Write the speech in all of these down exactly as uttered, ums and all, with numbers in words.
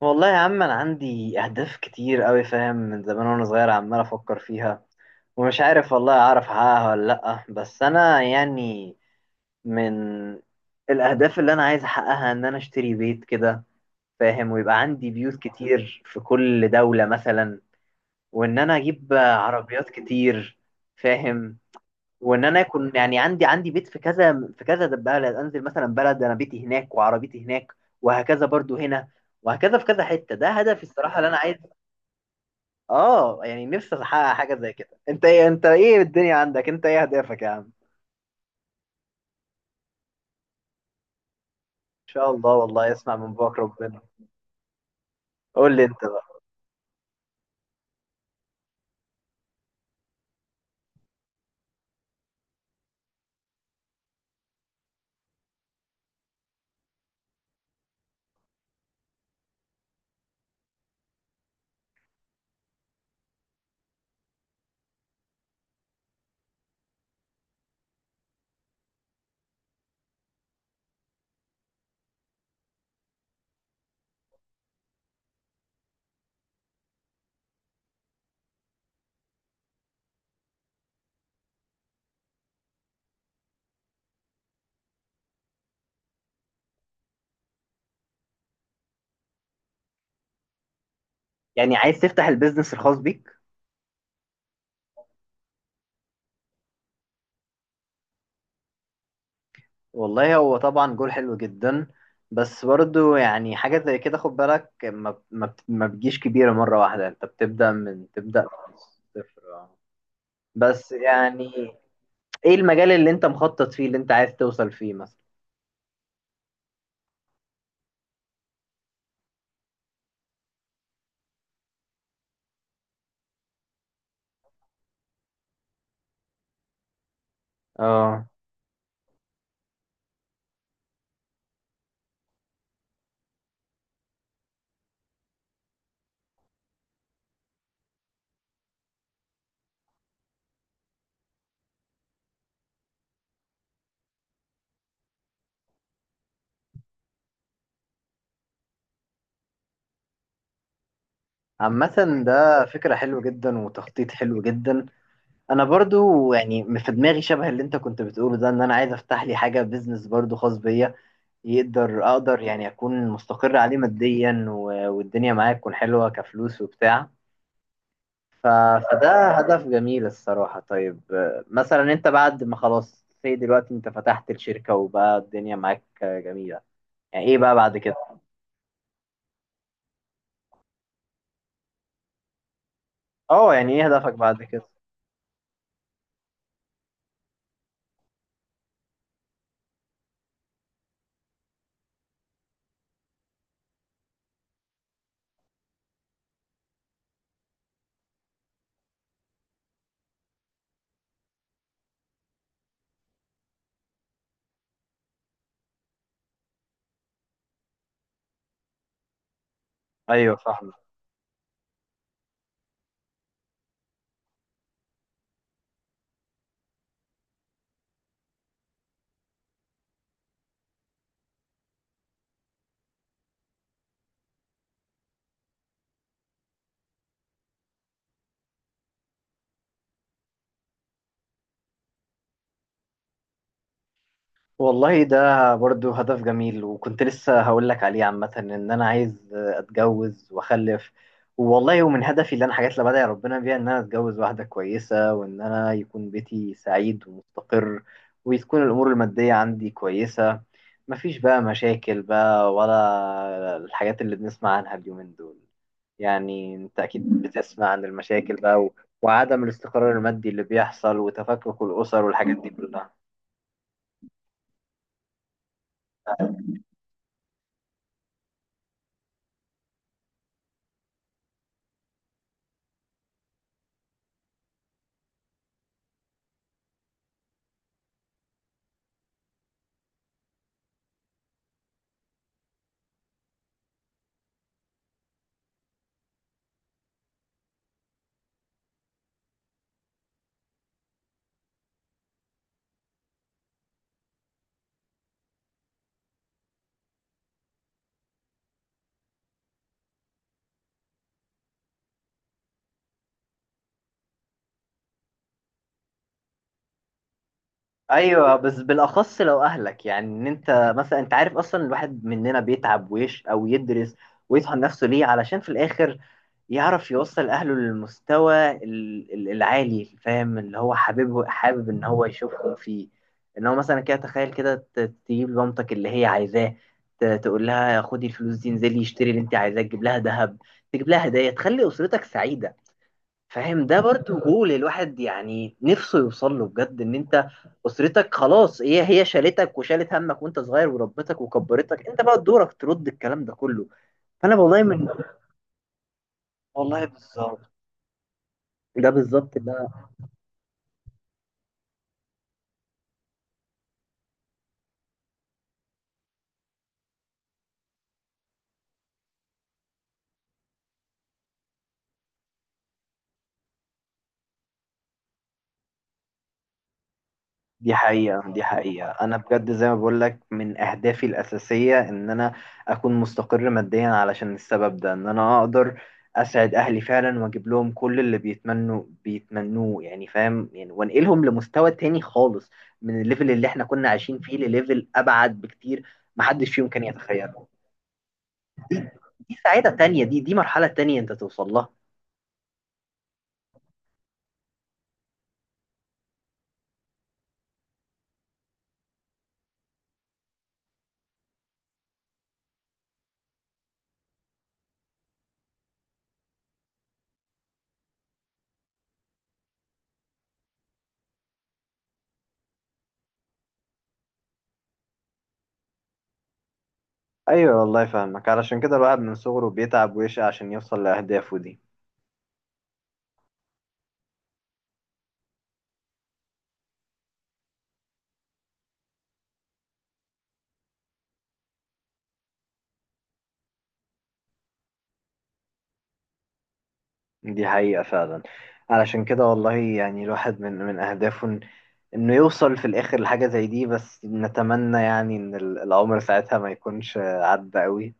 والله يا عم انا عندي اهداف كتير قوي، فاهم؟ من زمان وانا صغير عمال افكر فيها ومش عارف والله اعرف احققها ولا لا. بس انا يعني من الاهداف اللي انا عايز احققها ان انا اشتري بيت كده، فاهم؟ ويبقى عندي بيوت كتير في كل دولة مثلا، وان انا اجيب عربيات كتير، فاهم؟ وان انا اكون يعني عندي عندي بيت في كذا، في كذا بلد، انزل مثلا بلد انا بيتي هناك وعربيتي هناك، وهكذا برضو هنا، وهكذا في كذا حتة. ده هدفي الصراحة اللي انا عايز. اه يعني نفسي احقق حاجة زي كده. انت ايه؟ انت ايه الدنيا عندك؟ انت ايه اهدافك يا عم؟ ان شاء الله والله اسمع من بوك ربنا. قول لي انت بقى. يعني عايز تفتح البيزنس الخاص بيك؟ والله هو طبعا جول حلو جدا، بس برضو يعني حاجة زي كده خد بالك ما ما بت- ما بتجيش كبيرة مرة واحدة. انت بتبدأ من تبدأ من الصفر. بس يعني ايه المجال اللي انت مخطط فيه، اللي انت عايز توصل فيه مثلا؟ اه، عامة ده فكرة حلوة جدا وتخطيط حلو جدا. انا برضو يعني في دماغي شبه اللي انت كنت بتقوله ده، ان انا عايز افتح لي حاجة بيزنس برضو خاص بيا، يقدر اقدر يعني اكون مستقر عليه ماديا و- والدنيا معايا تكون حلوة كفلوس وبتاع. ف... فده هدف جميل الصراحة. طيب آه، مثلا انت بعد ما خلاص زي دلوقتي انت فتحت الشركة وبقى الدنيا معاك آه، جميلة، يعني ايه بقى بعد كده؟ اه يعني ايه هدفك بعد كده؟ ايوه فاهمة. والله ده برضو هدف جميل، وكنت لسه هقول لك عليه. عامة ان انا عايز اتجوز واخلف، والله ومن هدفي اللي انا حاجات اللي بدعي ربنا بيها ان انا اتجوز واحدة كويسة، وان انا يكون بيتي سعيد ومستقر، وتكون الامور المادية عندي كويسة. مفيش بقى مشاكل بقى ولا الحاجات اللي بنسمع عنها اليومين دول. يعني انت اكيد بتسمع عن المشاكل بقى و... وعدم الاستقرار المادي اللي بيحصل وتفكك الاسر والحاجات دي كلها. ايوه بس بالاخص لو اهلك، يعني ان انت مثلا، انت عارف اصلا الواحد مننا بيتعب ويش او يدرس ويطحن نفسه ليه؟ علشان في الاخر يعرف يوصل اهله للمستوى ال- ال- العالي، فاهم؟ اللي هو حاببه، حابب ان هو يشوفهم فيه. ان هو مثلا كده، تخيل كده، ت- تجيب لمامتك اللي هي عايزاه، ت- تقول لها خدي الفلوس دي انزلي اشتري اللي انت عايزاه، تجيب لها ذهب، تجيب لها هدايا، تخلي اسرتك سعيده. فاهم؟ ده برضو جول الواحد يعني نفسه يوصل له بجد. ان انت اسرتك خلاص هي هي شالتك وشالت همك وانت صغير وربتك وكبرتك، انت بقى دورك ترد الكلام ده كله. فانا والله من... والله بالظبط. ده بالظبط اللي أنا. دي حقيقة، دي حقيقة. أنا بجد زي ما بقولك من أهدافي الأساسية إن أنا أكون مستقر ماديا علشان السبب ده، إن أنا أقدر أسعد أهلي فعلا وأجيب لهم كل اللي بيتمنوا بيتمنوه، يعني فاهم يعني؟ وأنقلهم لمستوى تاني خالص، من الليفل اللي إحنا كنا عايشين فيه لليفل أبعد بكتير، محدش فيهم كان يتخيله. دي سعادة تانية، دي دي مرحلة تانية أنت توصل لها. أيوة والله فاهمك. علشان كده الواحد من صغره بيتعب ويشقى عشان يوصل لأهدافه دي. دي حقيقة فعلا. علشان كده والله، يعني الواحد من من أهدافه إن- إنه يوصل في الآخر لحاجة زي دي. بس نتمنى يعني إن ال- العمر ساعتها ما يكونش عدى قوي،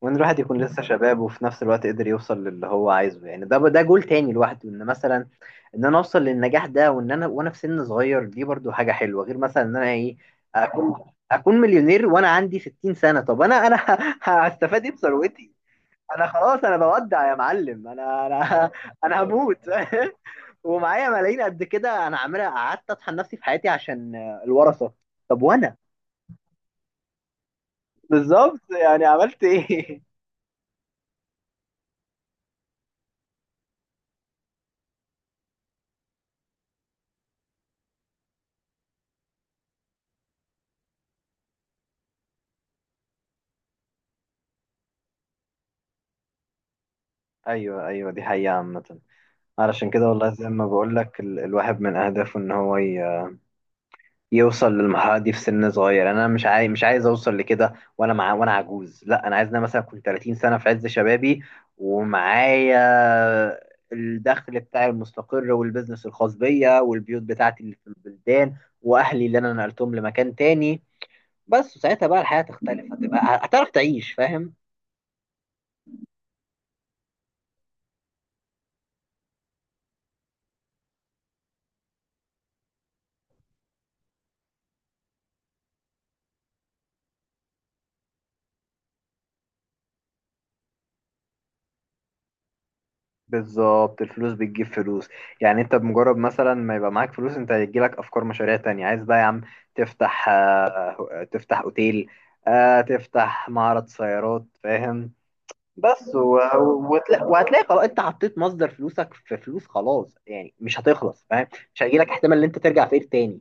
وإن الواحد يكون لسه شباب وفي نفس الوقت قدر يوصل للي هو عايزه. يعني ده ده جول تاني لوحده، إن مثلا إن أنا أوصل للنجاح ده وإن أنا، وأنا في سن صغير، دي برضو حاجة حلوة. غير مثلا إن أنا إيه، أكون أكون مليونير وأنا عندي ستين سنة. طب أنا أنا هستفاد إيه بثروتي؟ انا خلاص انا بودع يا معلم. انا انا انا هموت ومعايا ملايين قد كده، انا عاملها قعدت اطحن نفسي في حياتي عشان الورثه؟ طب وانا؟ بالظبط، يعني عملت ايه؟ ايوه ايوه دي حقيقه عامه. علشان كده والله زي ما بقول لك ال- الواحد من اهدافه ان هو ي- يوصل للمرحلة دي في سن صغير. انا مش عايز، مش عايز اوصل لكده وانا مع، وانا عجوز. لا انا عايز ان انا مثلا كنت تلاتين سنة في عز شبابي، ومعايا الدخل بتاعي المستقر والبزنس الخاص بيا والبيوت بتاعتي اللي في البلدان واهلي اللي انا نقلتهم لمكان تاني. بس ساعتها بقى الحياة تختلف، هتبقى هتعرف تعيش فاهم؟ بالظبط، الفلوس بتجيب فلوس. يعني انت بمجرد مثلا ما يبقى معاك فلوس، انت هيجيلك افكار مشاريع تانية. عايز بقى يا عم تفتح آه، تفتح اوتيل، آه، تفتح معرض سيارات، فاهم؟ بس و... وتلا... وهتلاقي خلاص انت حطيت مصدر فلوسك في فلوس، خلاص يعني مش هتخلص فاهم؟ مش هيجيلك احتمال ان انت ترجع فقير تاني.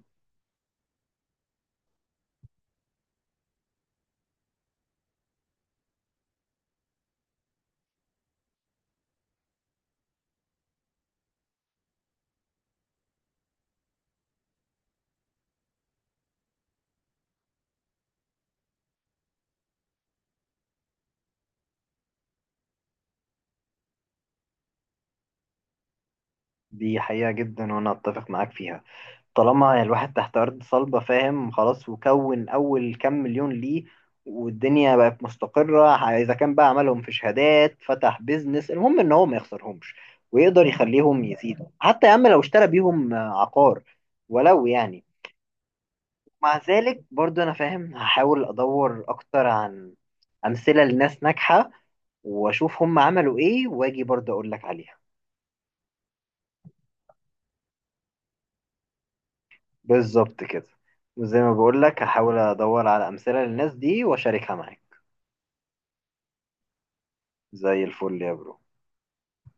دي حقيقة جدا وانا اتفق معاك فيها. طالما الواحد تحت أرض صلبة فاهم، خلاص، وكون أول كام مليون ليه والدنيا بقت مستقرة، ح- إذا كان بقى عملهم في شهادات، فتح بيزنس، المهم إن هو ما يخسرهمش ويقدر يخليهم يزيدوا. حتى يا عم لو اشترى بيهم آه، عقار، ولو يعني، مع ذلك برضو أنا فاهم هحاول أدور أكتر عن أمثلة لناس ناجحة وأشوف هم عملوا إيه وأجي برضو أقول لك عليها. بالظبط كده. وزي ما بقول لك هحاول أدور على أمثلة للناس دي وأشاركها معاك. زي الفل يا برو.